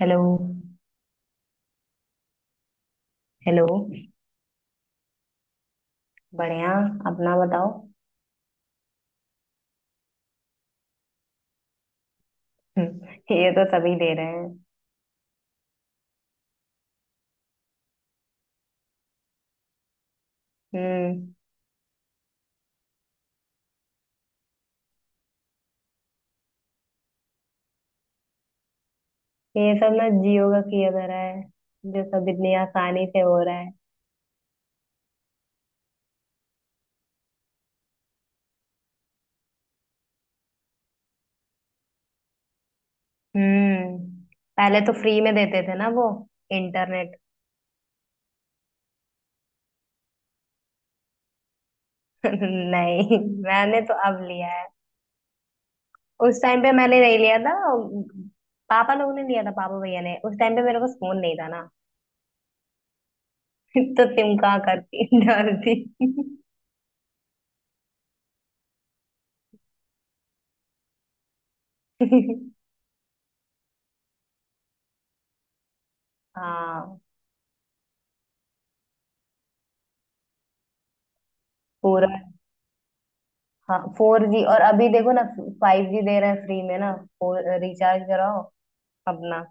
Hello. Hello. बढ़िया। अपना बताओ। हम्म, ये तो सभी दे रहे हैं। हम्म ये सब ना जियो का किया जा रहा है जो सब इतनी आसानी से हो रहा है। हम्म पहले तो फ्री में देते थे ना वो इंटरनेट नहीं, मैंने तो अब लिया है। उस टाइम पे मैंने नहीं लिया था। पापा लोग ने लिया था, पापा भैया ने। उस टाइम पे मेरे पास फोन नहीं था ना। तो सिम कहाँ करती डालती। हाँ। पूरा। हाँ, 4G। और अभी देखो ना, 5G दे रहे हैं फ्री में ना। फोर रिचार्ज कराओ अपना।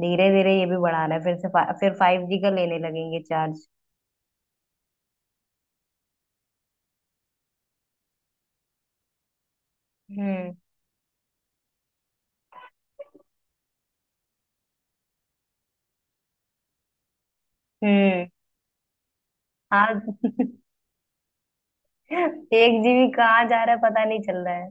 धीरे धीरे ये भी बढ़ा रहा है, फिर से फिर 5G का लेने लगेंगे चार्ज। हम्म। हम्म। आज 1 GB कहाँ जा रहा है पता नहीं चल रहा है।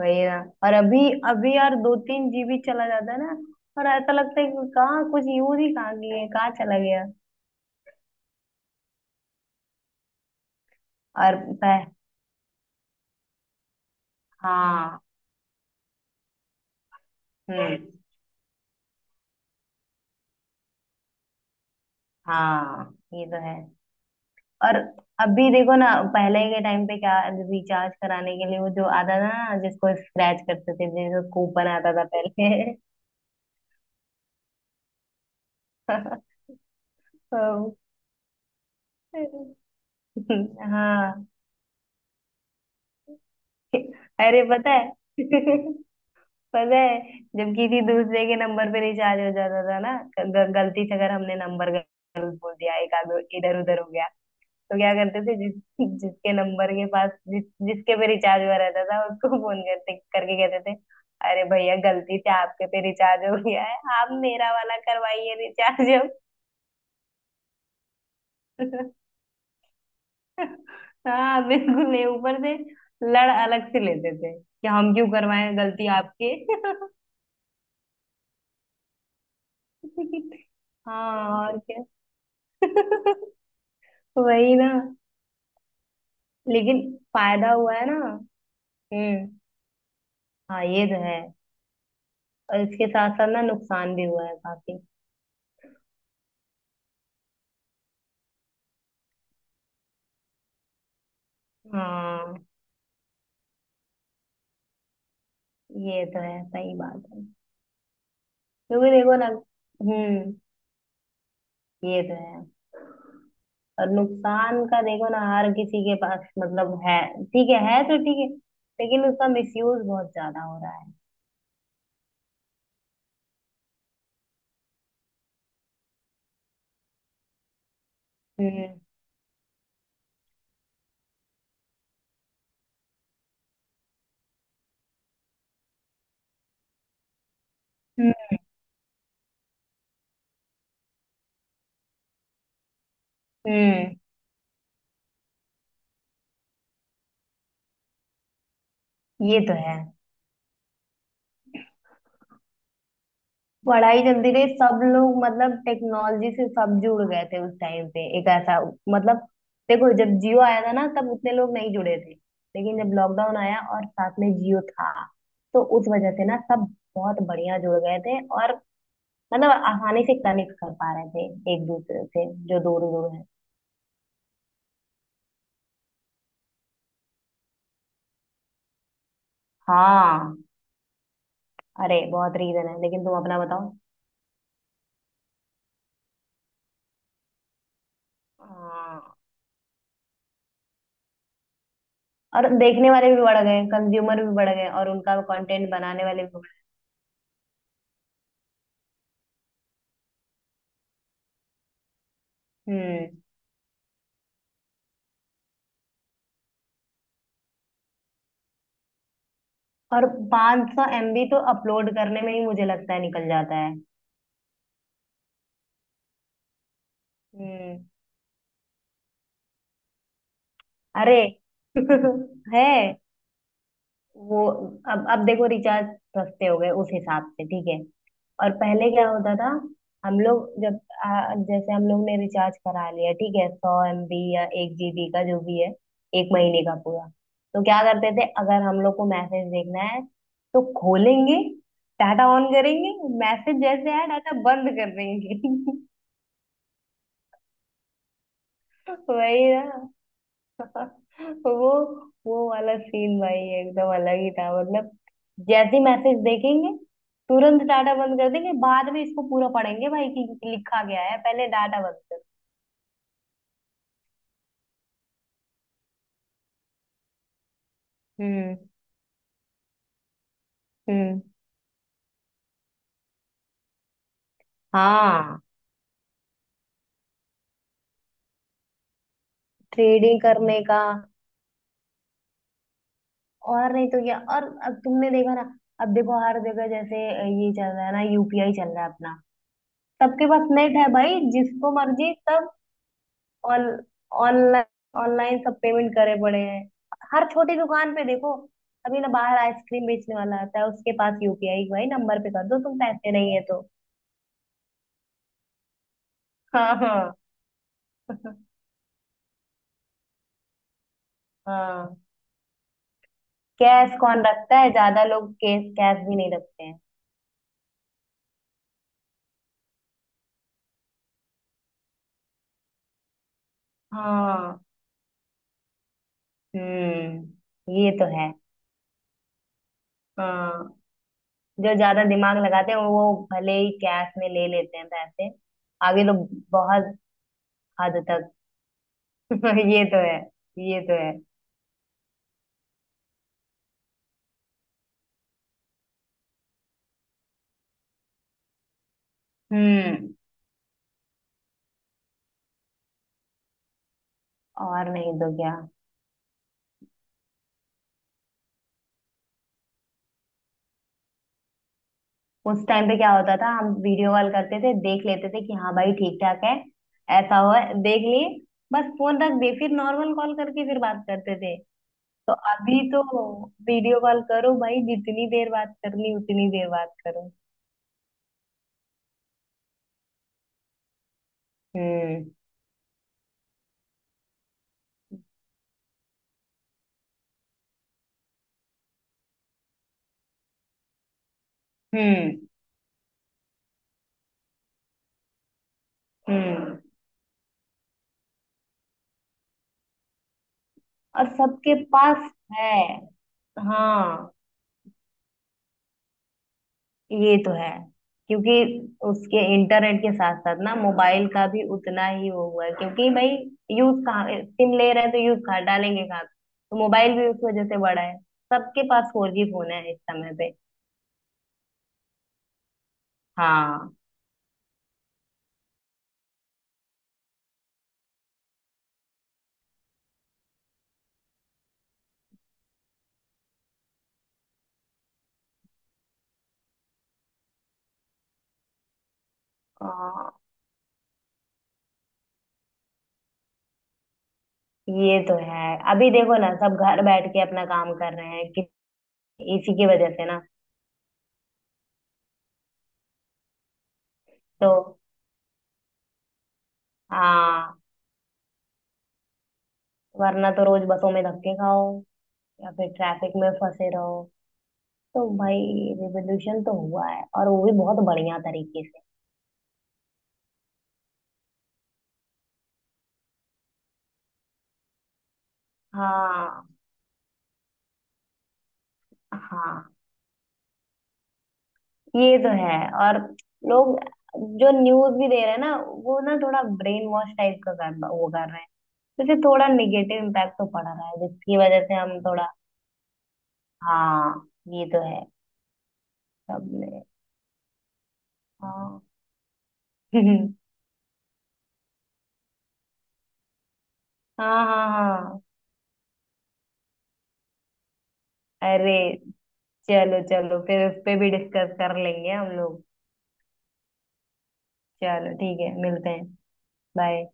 वही ना। और अभी, अभी यार 2-3 GB चला जाता है ना। और ऐसा लगता है कि कहाँ कुछ यूज ही कहाँ किए, कहाँ चला गया। और पह, हाँ। हम्म। हाँ, ये तो है। और अभी देखो ना, पहले के टाइम पे क्या रिचार्ज कराने के लिए वो जो आता था ना जिसको स्क्रैच करते थे, जिसको कूपन आता था पहले। हाँ। अरे पता है। पता है जब किसी दूसरे के नंबर पे रिचार्ज हो जाता था ना, गलती से अगर हमने नंबर गलत बोल दिया, एक आगे इधर उधर हो गया, तो क्या करते थे जिसके नंबर के पास, जिस जिसके पे रिचार्ज हुआ रहता था उसको फोन करते करके कहते थे, अरे भैया गलती से आपके पे रिचार्ज हो गया है, आप मेरा वाला करवाइए रिचार्ज अब। हाँ, बिल्कुल। ये ऊपर से लड़ अलग से लेते थे कि हम क्यों करवाएं, गलती आपकी। हाँ, और क्या। वही ना। लेकिन फायदा हुआ है ना। हम्म। हाँ, ये तो है। और इसके साथ साथ ना नुकसान भी हुआ है काफी। हाँ, ये तो है, सही बात है। क्योंकि देखो ना। हम्म, ये तो है। और नुकसान का देखो ना, हर किसी के पास मतलब है, ठीक है तो ठीक है, लेकिन उसका मिसयूज बहुत ज्यादा हो रहा है। हम्म। हम्म। हम्म, ये तो है। पढ़ाई चलती रही, सब लोग मतलब टेक्नोलॉजी से सब जुड़ गए थे उस टाइम पे एक ऐसा मतलब, देखो जब जियो आया था ना तब उतने लोग नहीं जुड़े थे। लेकिन जब लॉकडाउन आया और साथ में जियो था, तो उस वजह से ना सब बहुत बढ़िया जुड़ गए थे, और मतलब आसानी से कनेक्ट कर पा रहे थे एक दूसरे से, जो दूर दूर है। हाँ, अरे बहुत रीजन है, लेकिन तुम अपना बताओ। हाँ, और देखने वाले भी बढ़ गए, कंज्यूमर भी बढ़ गए और उनका कंटेंट बनाने वाले भी बढ़ गए। और 500 सौ MB तो अपलोड करने में ही मुझे लगता है निकल जाता है। हम्म। अरे है वो। अब देखो रिचार्ज सस्ते हो गए, उस हिसाब से ठीक है। और पहले क्या होता था, हम लोग जब जैसे हम लोग ने रिचार्ज करा लिया, ठीक है 100 MB या 1 GB का जो भी है, एक महीने का पूरा, तो क्या करते थे अगर हम लोग को मैसेज देखना है, तो खोलेंगे डाटा ऑन करेंगे, मैसेज जैसे आया डाटा बंद कर देंगे। वही ना। वो वो वाला सीन भाई एकदम अलग ही था। मतलब जैसे ही मैसेज देखेंगे तुरंत डाटा बंद कर देंगे, बाद में इसको पूरा पढ़ेंगे भाई कि लिखा गया है, पहले डाटा बंद कर। हम्म। हम्म। हाँ, ट्रेडिंग करने का। और नहीं तो क्या। और अब तुमने देखा ना, अब देखो हर जगह जैसे ये चल रहा है ना, UPI चल रहा है अपना। सबके पास नेट है भाई, जिसको मर्जी सब ऑन ऑनलाइन ऑनलाइन सब पेमेंट करे पड़े हैं। हर छोटी दुकान पे देखो, अभी ना बाहर आइसक्रीम बेचने वाला आता है उसके पास UPI, भाई नंबर पे कर दो तुम, पैसे नहीं है तो। हाँ। हाँ। हाँ। कैश कौन रखता है, ज्यादा लोग कैश कैश भी नहीं रखते हैं। हाँ। हम्म, ये तो है। हाँ, जो ज्यादा दिमाग लगाते हैं वो भले ही कैश में ले लेते हैं पैसे। आगे लोग बहुत हद तक। ये तो है। ये तो है। हम्म। और नहीं तो क्या। उस टाइम पे क्या होता था, हम वीडियो कॉल करते थे देख लेते थे कि हाँ भाई ठीक ठाक है, ऐसा हो, देख लिए, बस फोन रख दिए, फिर नॉर्मल कॉल करके फिर बात करते थे। तो अभी तो वीडियो कॉल करो भाई, जितनी देर बात करनी उतनी देर बात करो। हम्म। हम्म। हम्म। और सबके पास है। हाँ, ये तो है। क्योंकि उसके इंटरनेट के साथ साथ ना मोबाइल का भी उतना ही वो हुआ है, क्योंकि भाई यूज कहाँ सिम ले रहे हैं तो यूज कहाँ डालेंगे कहाँ, तो मोबाइल भी उस वजह से बड़ा है। सबके पास 4G फोन है इस समय पे। हाँ। हाँ, ये तो है। अभी देखो ना, सब घर बैठ के अपना काम कर रहे हैं कि, इसी की वजह से ना। तो हाँ, वरना तो रोज बसों में धक्के खाओ, या फिर ट्रैफिक में फंसे रहो। तो भाई, रिवोल्यूशन तो हुआ है और वो भी बहुत बढ़िया तरीके से। हाँ। हाँ, ये तो है। और लोग जो न्यूज भी दे रहे हैं ना वो ना थोड़ा ब्रेन वॉश टाइप का कर वो कर रहे हैं। जैसे थोड़ा निगेटिव इम्पैक्ट तो पड़ रहा है, जिसकी वजह से हम थोड़ा। हाँ, ये तो है। सबने। हाँ। हाँ, हाँ, हाँ। अरे चलो चलो, फिर उस पे भी डिस्कस कर लेंगे हम लोग। चलो ठीक है, मिलते हैं। बाय।